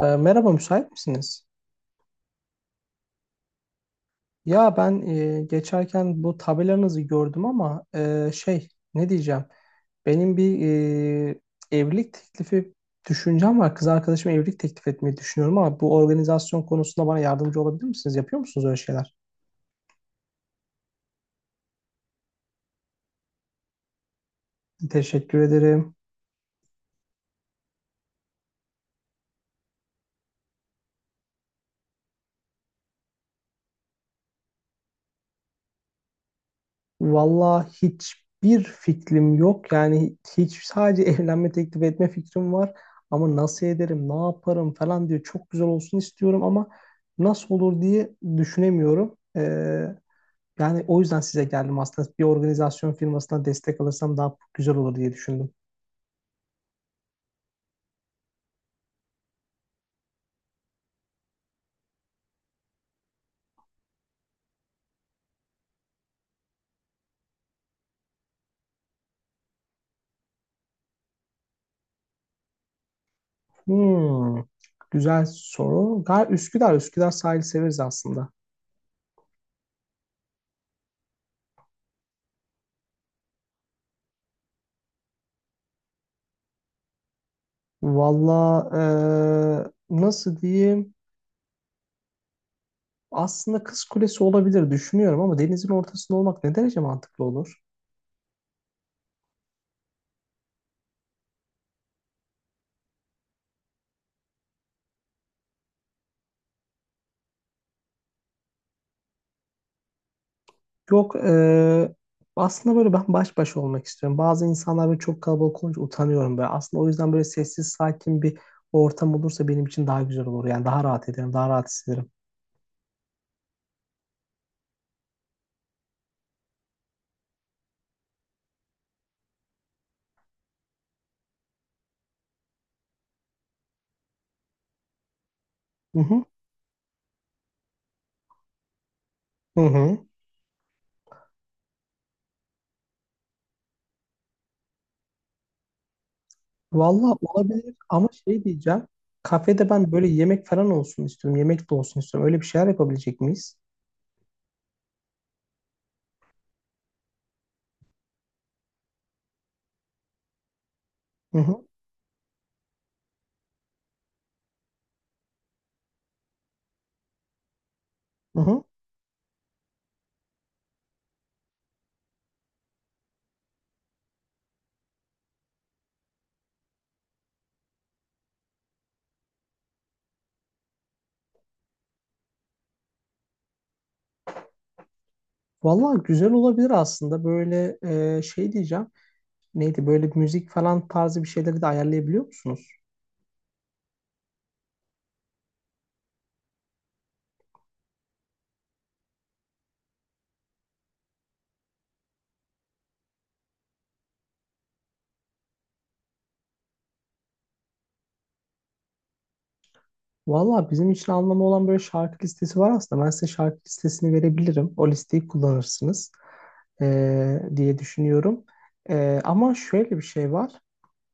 Merhaba, müsait misiniz? Ya ben geçerken bu tabelanızı gördüm ama şey ne diyeceğim? Benim bir e, evlilik teklifi düşüncem var. Kız arkadaşıma evlilik teklif etmeyi düşünüyorum ama bu organizasyon konusunda bana yardımcı olabilir misiniz? Yapıyor musunuz öyle şeyler? Teşekkür ederim. Valla hiçbir fikrim yok. Yani hiç sadece evlenme teklif etme fikrim var. Ama nasıl ederim, ne yaparım falan diye çok güzel olsun istiyorum ama nasıl olur diye düşünemiyorum. Yani o yüzden size geldim aslında. Bir organizasyon firmasına destek alırsam daha güzel olur diye düşündüm. Hmm, Güzel soru. Üsküdar sahil severiz aslında. Valla nasıl diyeyim? Aslında Kız Kulesi olabilir düşünüyorum ama denizin ortasında olmak ne derece mantıklı olur? Yok, aslında böyle ben baş başa olmak istiyorum. Bazı insanlar böyle çok kalabalık olunca utanıyorum böyle. Aslında o yüzden böyle sessiz sakin bir ortam olursa benim için daha güzel olur. Yani daha rahat ederim, daha rahat hissederim. Hı hı. Hı hı. Valla olabilir ama şey diyeceğim. Kafede ben böyle yemek falan olsun istiyorum. Yemek de olsun istiyorum. Öyle bir şeyler yapabilecek miyiz? Hı hı. Hı hı. Valla güzel olabilir aslında. Böyle şey diyeceğim. Neydi böyle müzik falan tarzı bir şeyleri de ayarlayabiliyor musunuz? Valla bizim için anlamı olan böyle şarkı listesi var aslında. Ben size şarkı listesini verebilirim. O listeyi kullanırsınız diye düşünüyorum. Ama şöyle bir şey var.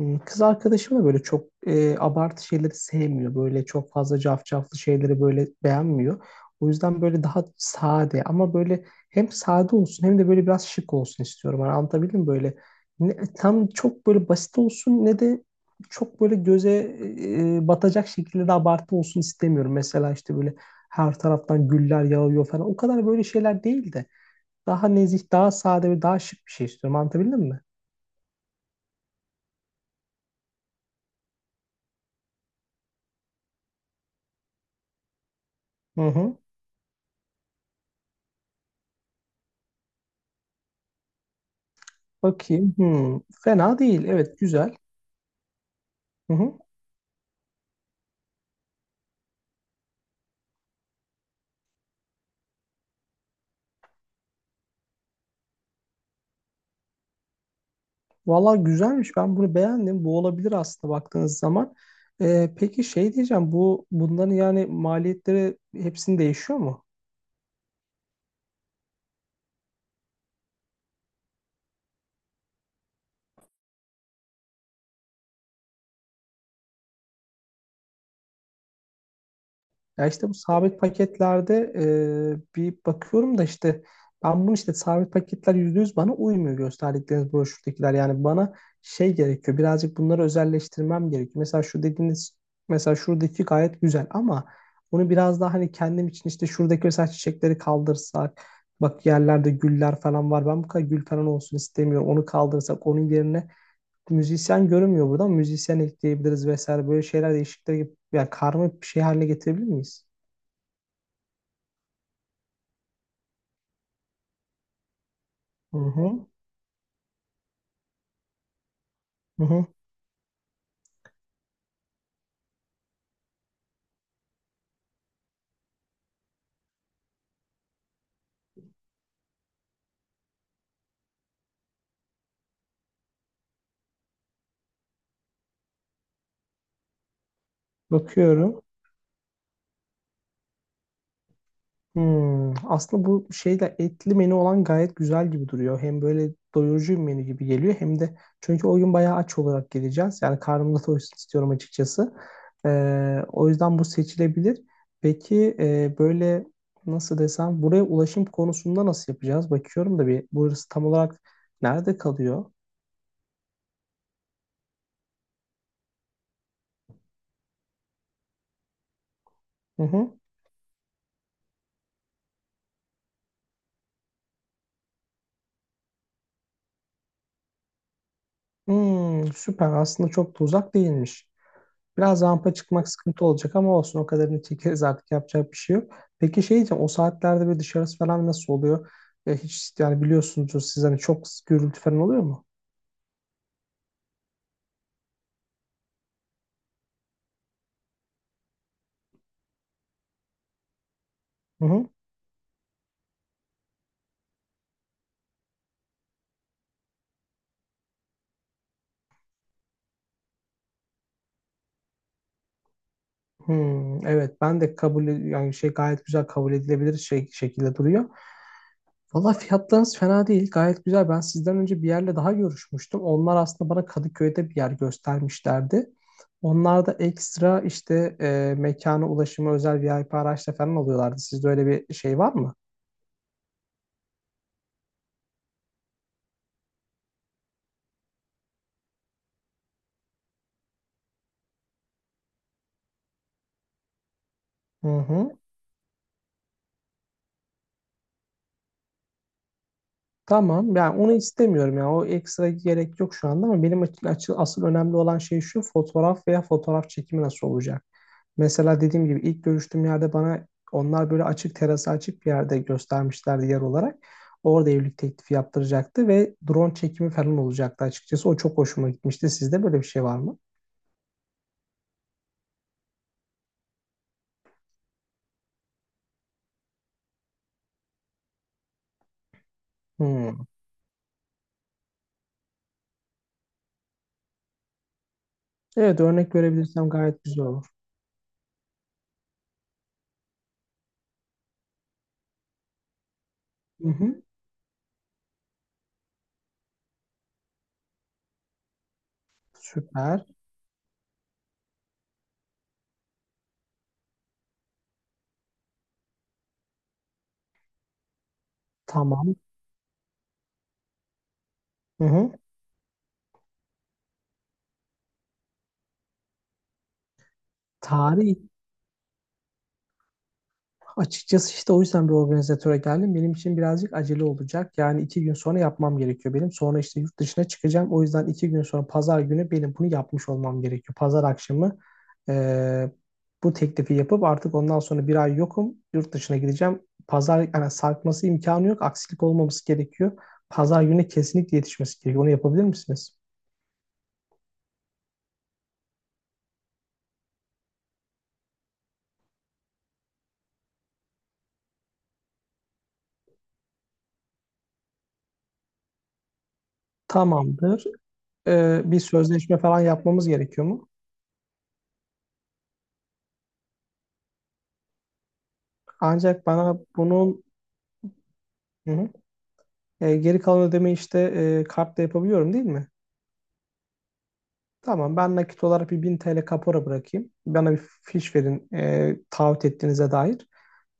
Kız arkadaşım da böyle çok abartı şeyleri sevmiyor. Böyle çok fazla cafcaflı şeyleri böyle beğenmiyor. O yüzden böyle daha sade ama böyle hem sade olsun hem de böyle biraz şık olsun istiyorum. Hani anlatabildim mi? Böyle ne tam çok böyle basit olsun ne de çok böyle göze batacak şekilde de abartı olsun istemiyorum. Mesela işte böyle her taraftan güller yağıyor falan. O kadar böyle şeyler değil de daha nezih, daha sade ve daha şık bir şey istiyorum. Anlatabildim mi? Hı hı. Bakayım. Fena değil. Evet, güzel. Hı hı. Valla güzelmiş. Ben bunu beğendim. Bu olabilir aslında baktığınız zaman. Peki şey diyeceğim. Bunların yani maliyetleri hepsini değişiyor mu? Ya işte bu sabit paketlerde bir bakıyorum da işte ben bunu işte sabit paketler %100 bana uymuyor, gösterdikleriniz broşürdekiler. Yani bana şey gerekiyor, birazcık bunları özelleştirmem gerekiyor. Mesela şu dediğiniz, mesela şuradaki gayet güzel ama bunu biraz daha hani kendim için, işte şuradaki mesela çiçekleri kaldırsak, bak yerlerde güller falan var, ben bu kadar gül falan olsun istemiyorum, onu kaldırsak, onun yerine müzisyen görünmüyor burada ama müzisyen ekleyebiliriz vesaire, böyle şeyler değişiklikler gibi, yani karma bir şey haline getirebilir miyiz? Hı hı, hı hı. Bakıyorum. Aslında bu şeyde etli menü olan gayet güzel gibi duruyor. Hem böyle doyurucu bir menü gibi geliyor hem de çünkü o gün bayağı aç olarak geleceğiz. Yani karnım da doysun istiyorum açıkçası. O yüzden bu seçilebilir. Peki böyle nasıl desem, buraya ulaşım konusunda nasıl yapacağız? Bakıyorum da bir burası tam olarak nerede kalıyor? Hı hı. Süper, aslında çok da uzak değilmiş. Biraz rampa çıkmak sıkıntı olacak ama olsun, o kadarını çekeriz artık, yapacak bir şey yok. Peki şey diyeceğim, o saatlerde böyle dışarısı falan nasıl oluyor? Hiç yani biliyorsunuzdur siz, hani çok gürültü falan oluyor mu? Hı hı. Hmm, evet, ben de yani şey gayet güzel, kabul edilebilir şey şekilde duruyor. Valla fiyatlarınız fena değil, gayet güzel. Ben sizden önce bir yerle daha görüşmüştüm. Onlar aslında bana Kadıköy'de bir yer göstermişlerdi. Onlar da ekstra işte mekana ulaşımı özel VIP araçla falan alıyorlardı. Sizde öyle bir şey var mı? Hı hı. Tamam. Yani onu istemiyorum. Ya, o ekstra gerek yok şu anda ama benim asıl önemli olan şey şu fotoğraf veya fotoğraf çekimi nasıl olacak? Mesela dediğim gibi ilk görüştüğüm yerde bana onlar böyle açık terası, açık bir yerde göstermişlerdi yer olarak. Orada evlilik teklifi yaptıracaktı ve drone çekimi falan olacaktı açıkçası. O çok hoşuma gitmişti. Sizde böyle bir şey var mı? Hı. Evet, örnek verebilirsem gayet güzel olur. Hı hı. Süper. Tamam. Hı hı. Tarih Açıkçası işte o yüzden bir organizatöre geldim. Benim için birazcık acele olacak. Yani 2 gün sonra yapmam gerekiyor benim. Sonra işte yurt dışına çıkacağım. O yüzden 2 gün sonra pazar günü benim bunu yapmış olmam gerekiyor. Pazar akşamı eee, bu teklifi yapıp artık ondan sonra bir ay yokum. Yurt dışına gideceğim. Pazar, yani sarkması imkanı yok. Aksilik olmaması gerekiyor. Pazar günü kesinlikle yetişmesi gerekiyor. Onu yapabilir misiniz? Tamamdır. Bir sözleşme falan yapmamız gerekiyor mu? Ancak bana bunun. Hı hı. Geri kalan ödemeyi işte kartla yapabiliyorum değil mi? Tamam, ben nakit olarak bir 1000 TL kapora bırakayım. Bana bir fiş verin, taahhüt ettiğinize dair.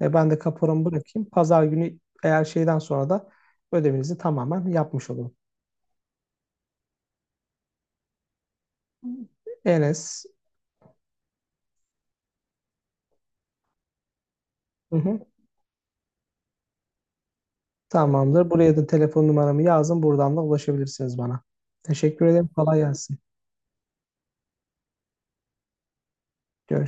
Ben de kaporamı bırakayım. Pazar günü eğer şeyden sonra da ödemenizi tamamen yapmış olun. Enes. Hı hı. Tamamdır. Buraya da telefon numaramı yazın. Buradan da ulaşabilirsiniz bana. Teşekkür ederim. Kolay gelsin. Görüşürüz.